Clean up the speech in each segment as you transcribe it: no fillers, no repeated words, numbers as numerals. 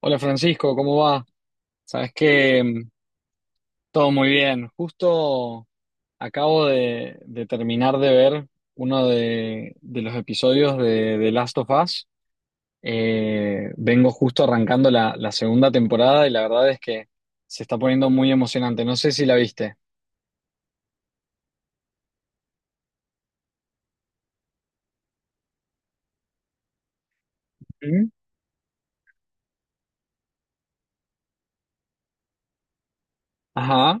Hola Francisco, ¿cómo va? Sabes que todo muy bien. Justo acabo de terminar de ver uno de los episodios de Last of Us. Vengo justo arrancando la segunda temporada y la verdad es que se está poniendo muy emocionante. No sé si la viste. ¿Mm? Ajá.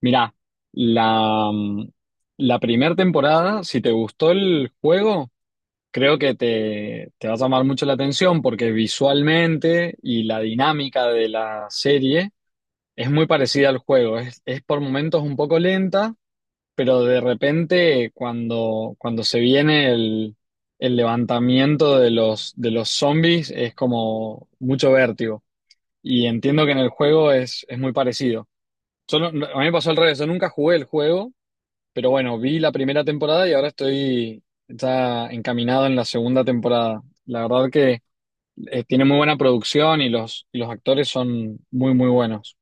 Mirá, la, mm, la primera temporada, si te gustó el juego. Creo que te va a llamar mucho la atención porque visualmente y la dinámica de la serie es muy parecida al juego. Es por momentos un poco lenta, pero de repente cuando se viene el levantamiento de los zombies es como mucho vértigo. Y entiendo que en el juego es muy parecido. Yo a mí me pasó al revés, yo nunca jugué el juego, pero bueno, vi la primera temporada y ahora estoy ya encaminado en la segunda temporada. La verdad que tiene muy buena producción y los actores son muy, muy buenos.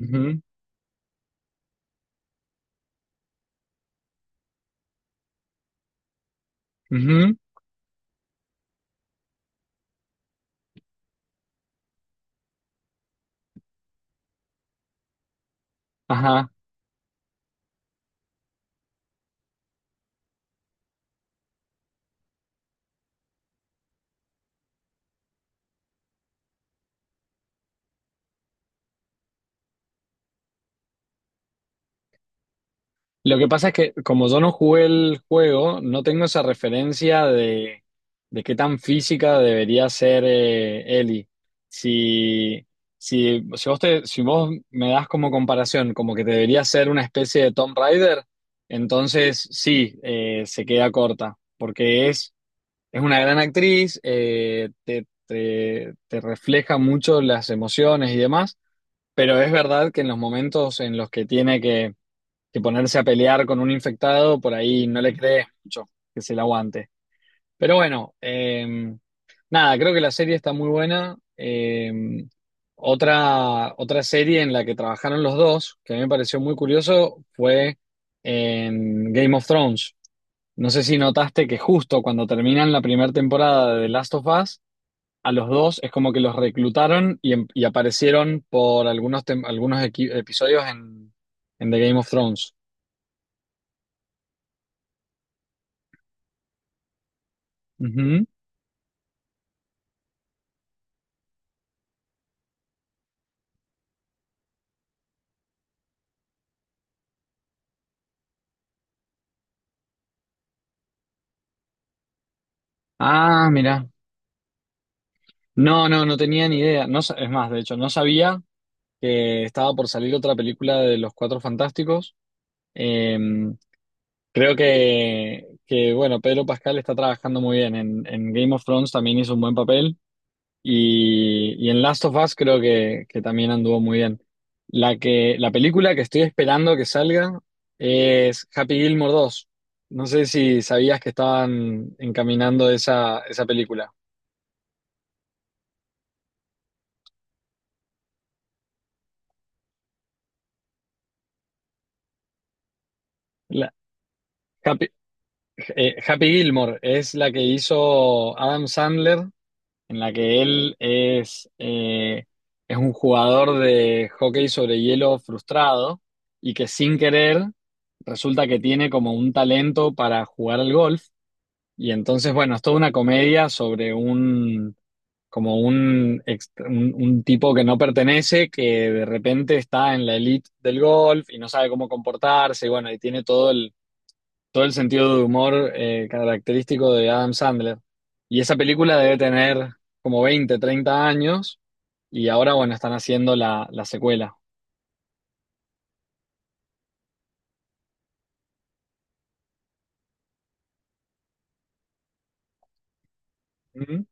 Ujú, ujú, ajá. Lo que pasa es que como yo no jugué el juego, no tengo esa referencia de qué tan física debería ser Ellie. Si, si vos me das como comparación, como que debería ser una especie de Tomb Raider, entonces sí, se queda corta, porque es una gran actriz, te refleja mucho las emociones y demás, pero es verdad que en los momentos en los que tiene que ponerse a pelear con un infectado, por ahí no le crees mucho que se la aguante. Pero bueno, nada, creo que la serie está muy buena. Otra serie en la que trabajaron los dos, que a mí me pareció muy curioso, fue en Game of Thrones. No sé si notaste que justo cuando terminan la primera temporada de The Last of Us, a los dos es como que los reclutaron y aparecieron por algunos, tem- algunos equi- episodios en The Game of Thrones. Ujú. Ah, mira. No, no tenía ni idea. No, es más, de hecho, no sabía que estaba por salir otra película de Los Cuatro Fantásticos. Eh, creo bueno, Pedro Pascal está trabajando muy bien. En Game of Thrones también hizo un buen papel. Y en Last of Us creo que también anduvo muy bien. La película que estoy esperando que salga es Happy Gilmore dos. No sé si sabías que estaban encaminando esa película. La- Happy- Happy Gilmore es la que hizo Adam Sandler, en la que él es un jugador de hockey sobre hielo frustrado y que sin querer resulta que tiene como un talento para jugar al golf. Y entonces, bueno, es toda una comedia sobre un, como un, ex- un tipo que no pertenece, que de repente está en la elite del golf y no sabe cómo comportarse, y bueno, y tiene todo el sentido de humor característico de Adam Sandler. Y esa película debe tener como 20 30 años y ahora, bueno, están haciendo la secuela. Ujú.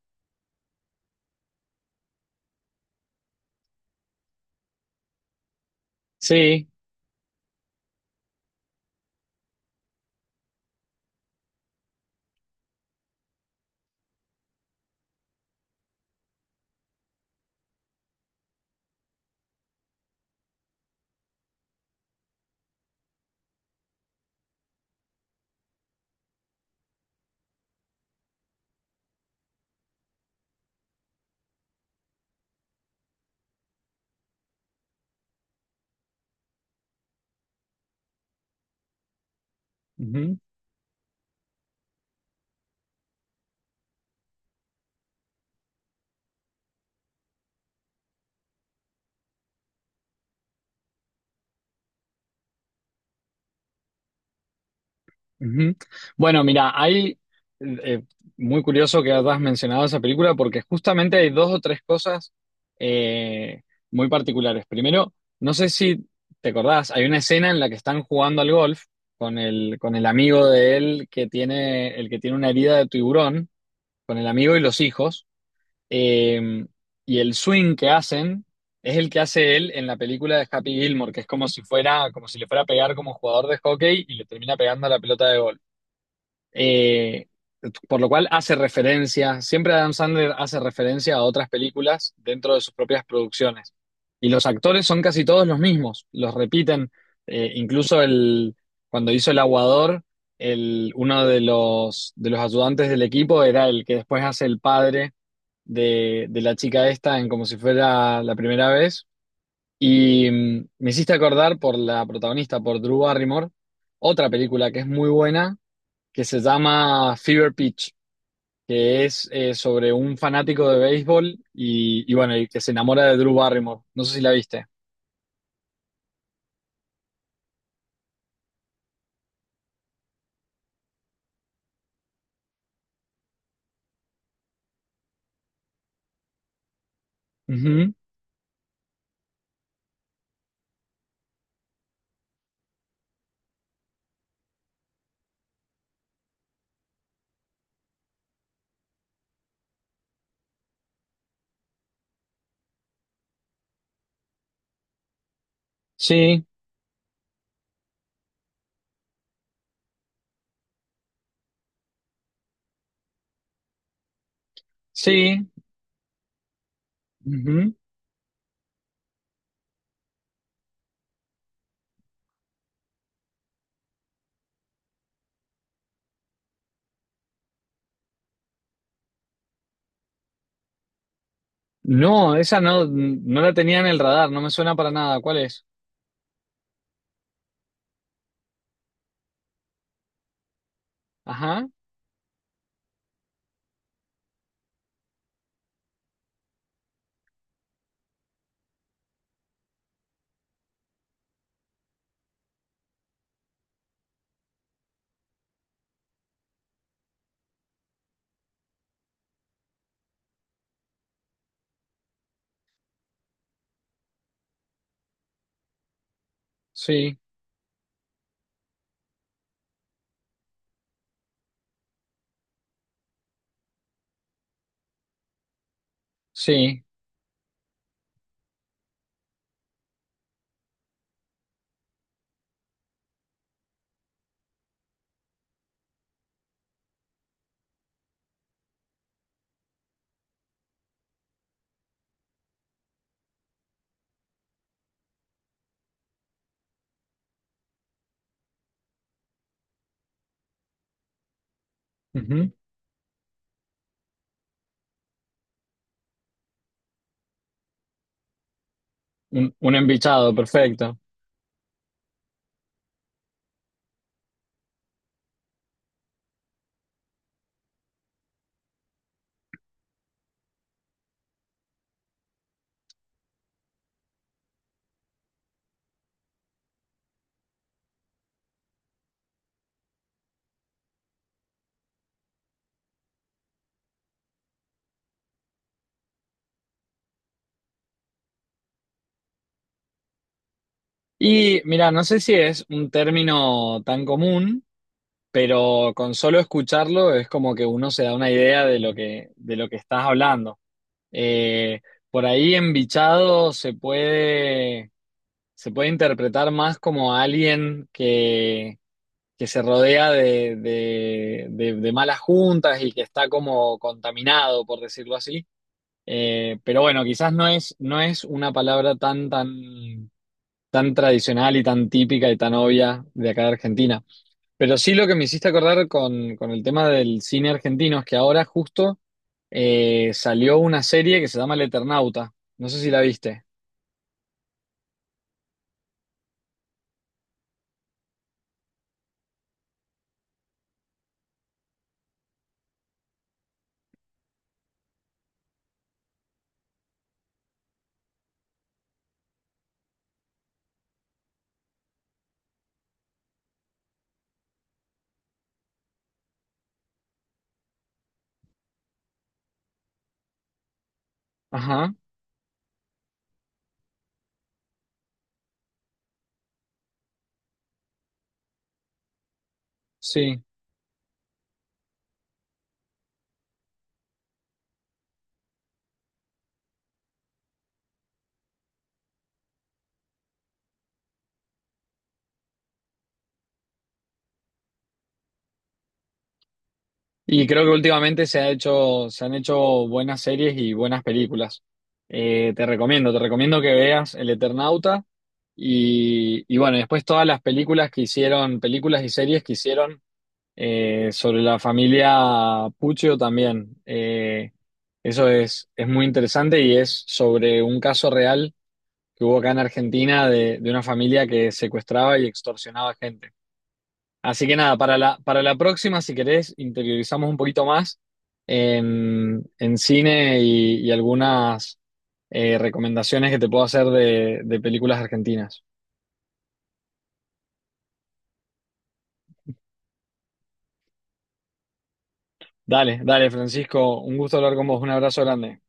Sí, ujú. Ujú. Bueno, mira, hay eh, muy curioso que hayas mencionado esa película porque justamente hay dos o tres cosas eh, muy particulares. Primero, no sé si te acordás, hay una escena en la que están jugando al golf con el amigo de él que tiene, el que tiene una herida de tiburón, con el amigo y los hijos. Eh, y el swing que hacen es el que hace él en la película de Happy Gilmore, que es como si fuera, como si le fuera a pegar como jugador de hockey y le termina pegando a la pelota de golf. Eh, por lo cual hace referencia, siempre Adam Sandler hace referencia a otras películas dentro de sus propias producciones. Y los actores son casi todos los mismos, los repiten. Incluso cuando hizo El Aguador, uno de los ayudantes del equipo era el que después hace el padre de la chica esta en como si fuera la primera vez. Y me hiciste acordar por la protagonista, por Drew Barrymore, otra película que es muy buena, que se llama Fever Pitch, que es sobre un fanático de béisbol y bueno, y que se enamora de Drew Barrymore. No sé si la viste. Ujú. Sí, sí. Ujú. No, esa no la tenía en el radar, no me suena para nada. ¿Cuál es? Ajá, sí, sí. Ujú. Un embichado, perfecto. Y mira, no sé si es un término tan común, pero con solo escucharlo es como que uno se da una idea de lo que estás hablando. Eh, por ahí embichado se puede interpretar más como alguien que se rodea de malas juntas y que está como contaminado, por decirlo así. Pero bueno, quizás no es una palabra tan tradicional y tan típica y tan obvia de acá de Argentina. Pero sí lo que me hiciste acordar con el tema del cine argentino es que ahora justo salió una serie que se llama El Eternauta. No sé si la viste. Ajá, sí. Y creo que últimamente se ha hecho, se han hecho buenas series y buenas películas. Te recomiendo que veas El Eternauta y bueno, después todas las películas que hicieron, películas y series que hicieron sobre la familia Puccio también. Eso es muy interesante y es sobre un caso real que hubo acá en Argentina de una familia que secuestraba y extorsionaba gente. Así que nada, para la próxima, si querés, interiorizamos un poquito más en cine y algunas recomendaciones que te puedo hacer de películas argentinas. Dale, dale, Francisco, un gusto hablar con vos, un abrazo grande.